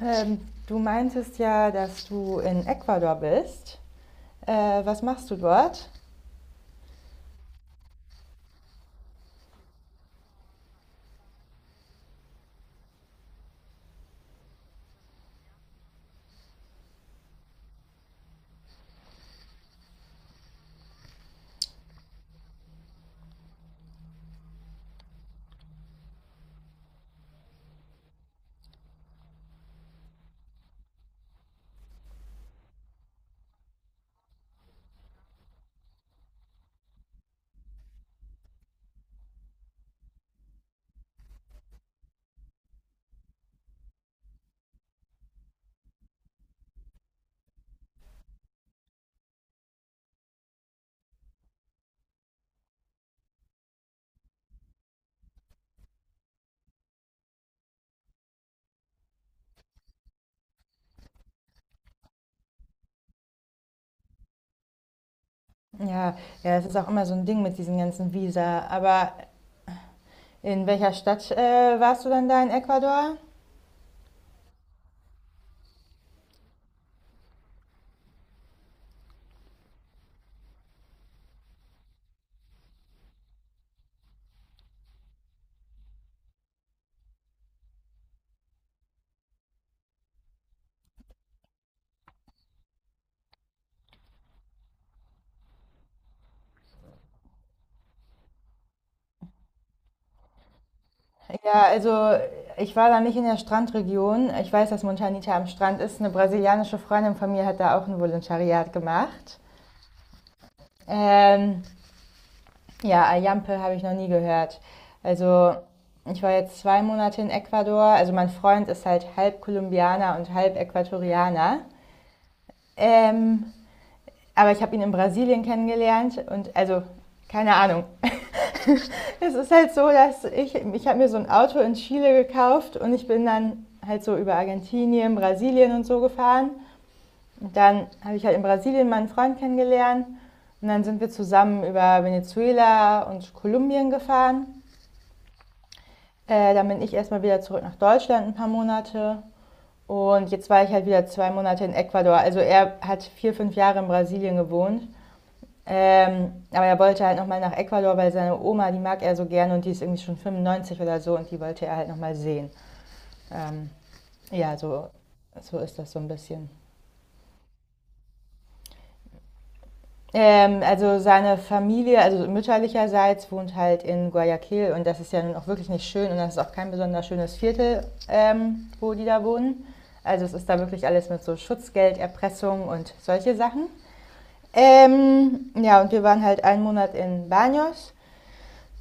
Ähm, Du meintest ja, dass du in Ecuador bist. Äh, Was machst du dort? Ja, ja, es ist auch immer so ein Ding mit diesen ganzen Visa. Aber in welcher Stadt warst du dann da in Ecuador? Ja, also ich war da nicht in der Strandregion. Ich weiß, dass Montanita am Strand ist. Eine brasilianische Freundin von mir hat da auch ein Volontariat gemacht. Ähm, Ja, Ayampe habe ich noch nie gehört. Also, ich war jetzt zwei Monate in Ecuador. Also, mein Freund ist halt halb Kolumbianer und halb Äquatorianer. Ähm, aber ich habe ihn in Brasilien kennengelernt und also, keine Ahnung. Es ist halt so, ich habe mir so ein Auto in Chile gekauft und ich bin dann halt so über Argentinien, Brasilien und so gefahren. Und dann habe ich halt in Brasilien meinen Freund kennengelernt. Und dann sind wir zusammen über Venezuela und Kolumbien gefahren. Dann bin ich erstmal wieder zurück nach Deutschland ein paar Monate. Und jetzt war ich halt wieder zwei Monate in Ecuador. Also er hat vier, fünf Jahre in Brasilien gewohnt. Aber er wollte halt nochmal nach Ecuador, weil seine Oma, die mag er so gerne und die ist irgendwie schon 95 oder so und die wollte er halt nochmal sehen. Ähm, ja, so, so ist das so ein bisschen. Also seine Familie, also mütterlicherseits, wohnt halt in Guayaquil und das ist ja nun auch wirklich nicht schön und das ist auch kein besonders schönes Viertel, wo die da wohnen. Also es ist da wirklich alles mit so Schutzgelderpressung und solche Sachen. Ja, und wir waren halt einen Monat in Baños.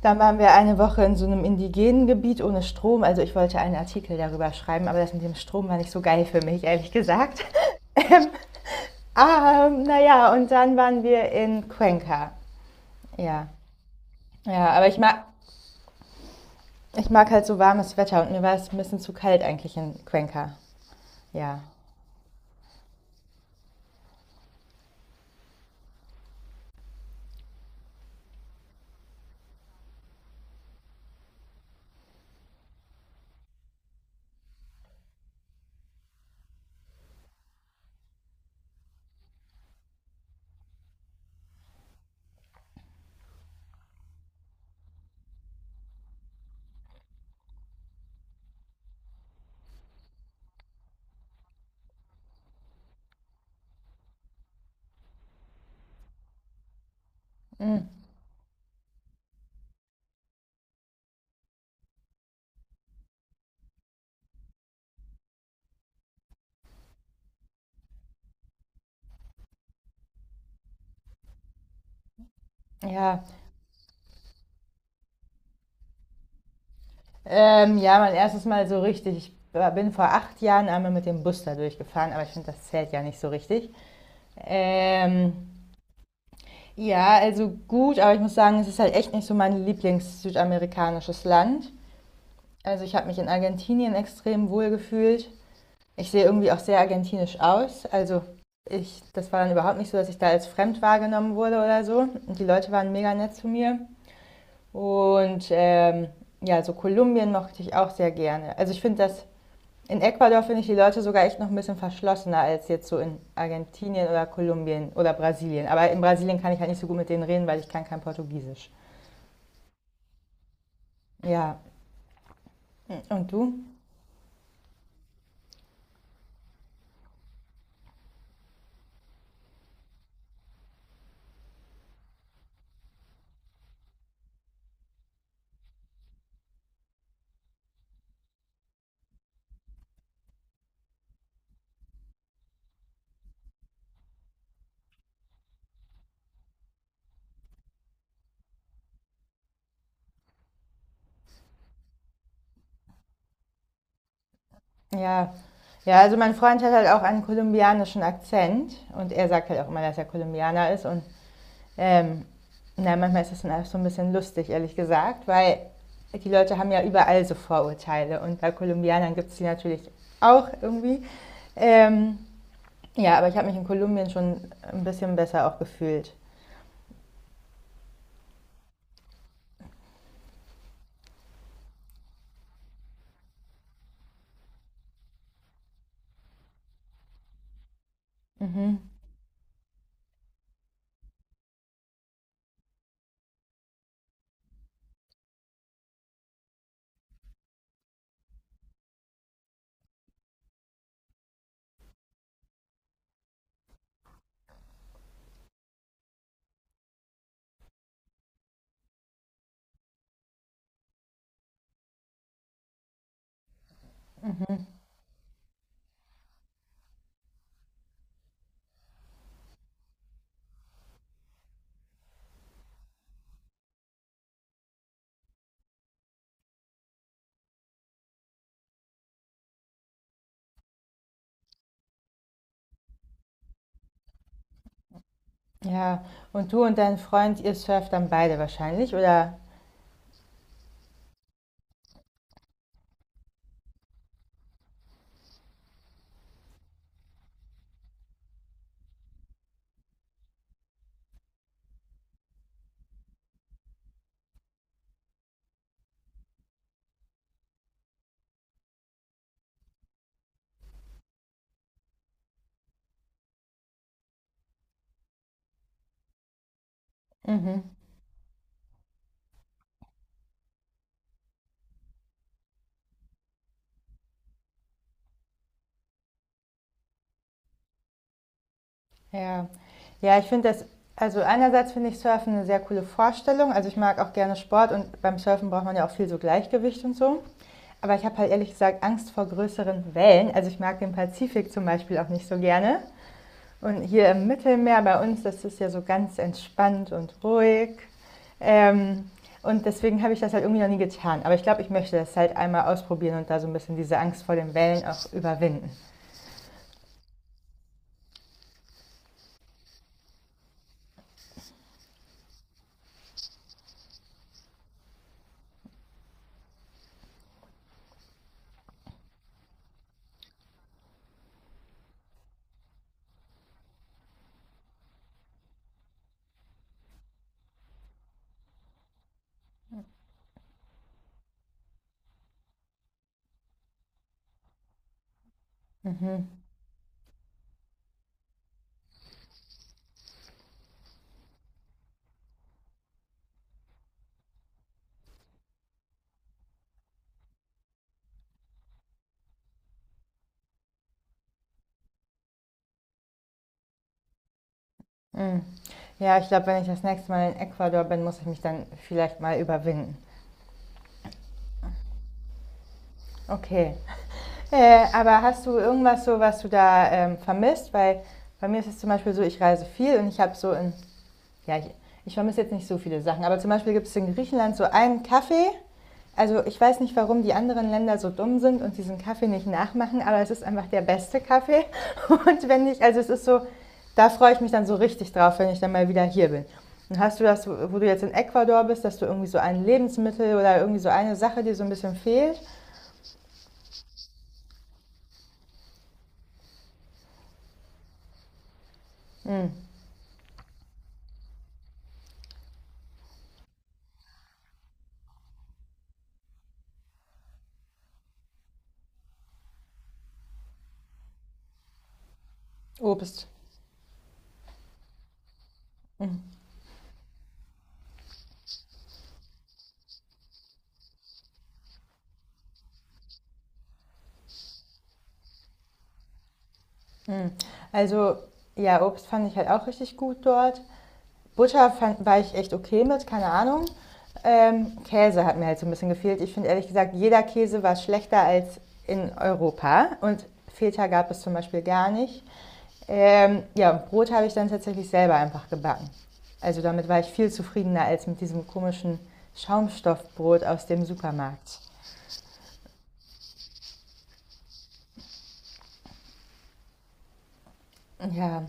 Dann waren wir eine Woche in so einem indigenen Gebiet ohne Strom. Also ich wollte einen Artikel darüber schreiben, aber das mit dem Strom war nicht so geil für mich, ehrlich gesagt. Ah, naja, und dann waren wir in Cuenca. Ja, ja, aber ich mag halt so warmes Wetter und mir war es ein bisschen zu kalt eigentlich in Cuenca. Ja. Ja. Ja, mein erstes Mal so richtig. Bin vor acht Jahren einmal mit dem Bus da durchgefahren, aber ich finde, das zählt ja nicht so richtig. Ähm, ja, also gut, aber ich muss sagen, es ist halt echt nicht so mein Lieblings-südamerikanisches Land. Also ich habe mich in Argentinien extrem wohl gefühlt. Ich sehe irgendwie auch sehr argentinisch aus. Also ich, das war dann überhaupt nicht so, dass ich da als fremd wahrgenommen wurde oder so. Und die Leute waren mega nett zu mir. Und ja, so Kolumbien mochte ich auch sehr gerne. In Ecuador finde ich die Leute sogar echt noch ein bisschen verschlossener als jetzt so in Argentinien oder Kolumbien oder Brasilien. Aber in Brasilien kann ich halt nicht so gut mit denen reden, weil ich kann kein Portugiesisch. Ja, und du? Ja. Ja, also mein Freund hat halt auch einen kolumbianischen Akzent und er sagt halt auch immer, dass er Kolumbianer ist und ähm, na, manchmal ist das dann auch so ein bisschen lustig, ehrlich gesagt, weil die Leute haben ja überall so Vorurteile und bei Kolumbianern gibt es die natürlich auch irgendwie. Ähm, ja, aber ich habe mich in Kolumbien schon ein bisschen besser auch gefühlt. Mhm. Ja, und du und dein Freund, ihr surft dann beide wahrscheinlich, oder? Mhm. Ja. Ja, ich finde das, also einerseits finde ich Surfen eine sehr coole Vorstellung. Also, ich mag auch gerne Sport und beim Surfen braucht man ja auch viel so Gleichgewicht und so. Aber ich habe halt ehrlich gesagt Angst vor größeren Wellen. Also, ich mag den Pazifik zum Beispiel auch nicht so gerne. Und hier im Mittelmeer bei uns, das ist ja so ganz entspannt und ruhig. Ähm, und deswegen habe ich das halt irgendwie noch nie getan. Aber ich glaube, ich möchte das halt einmal ausprobieren und da so ein bisschen diese Angst vor den Wellen auch überwinden. Mhm. Mhm. Ja, ich glaube, wenn ich das nächste Mal in Ecuador bin, muss ich mich dann vielleicht mal überwinden. Okay. Aber hast du irgendwas so, was du da vermisst? Weil bei mir ist es zum Beispiel so, ich reise viel und ich habe so in Ja, ich, ich vermisse jetzt nicht so viele Sachen, aber zum Beispiel gibt es in Griechenland so einen Kaffee. Also ich weiß nicht, warum die anderen Länder so dumm sind und diesen Kaffee nicht nachmachen, aber es ist einfach der beste Kaffee. Und wenn ich, also es ist so, da freue ich mich dann so richtig drauf, wenn ich dann mal wieder hier bin. Und hast du das, wo du jetzt in Ecuador bist, dass du irgendwie so ein Lebensmittel oder irgendwie so eine Sache, die so ein bisschen fehlt? Mm. Obst. Mm. Also ja, Obst fand ich halt auch richtig gut dort. War ich echt okay mit, keine Ahnung. Käse hat mir halt so ein bisschen gefehlt. Ich finde ehrlich gesagt, jeder Käse war schlechter als in Europa und Feta gab es zum Beispiel gar nicht. Ja, und Brot habe ich dann tatsächlich selber einfach gebacken. Also damit war ich viel zufriedener als mit diesem komischen Schaumstoffbrot aus dem Supermarkt. Ja,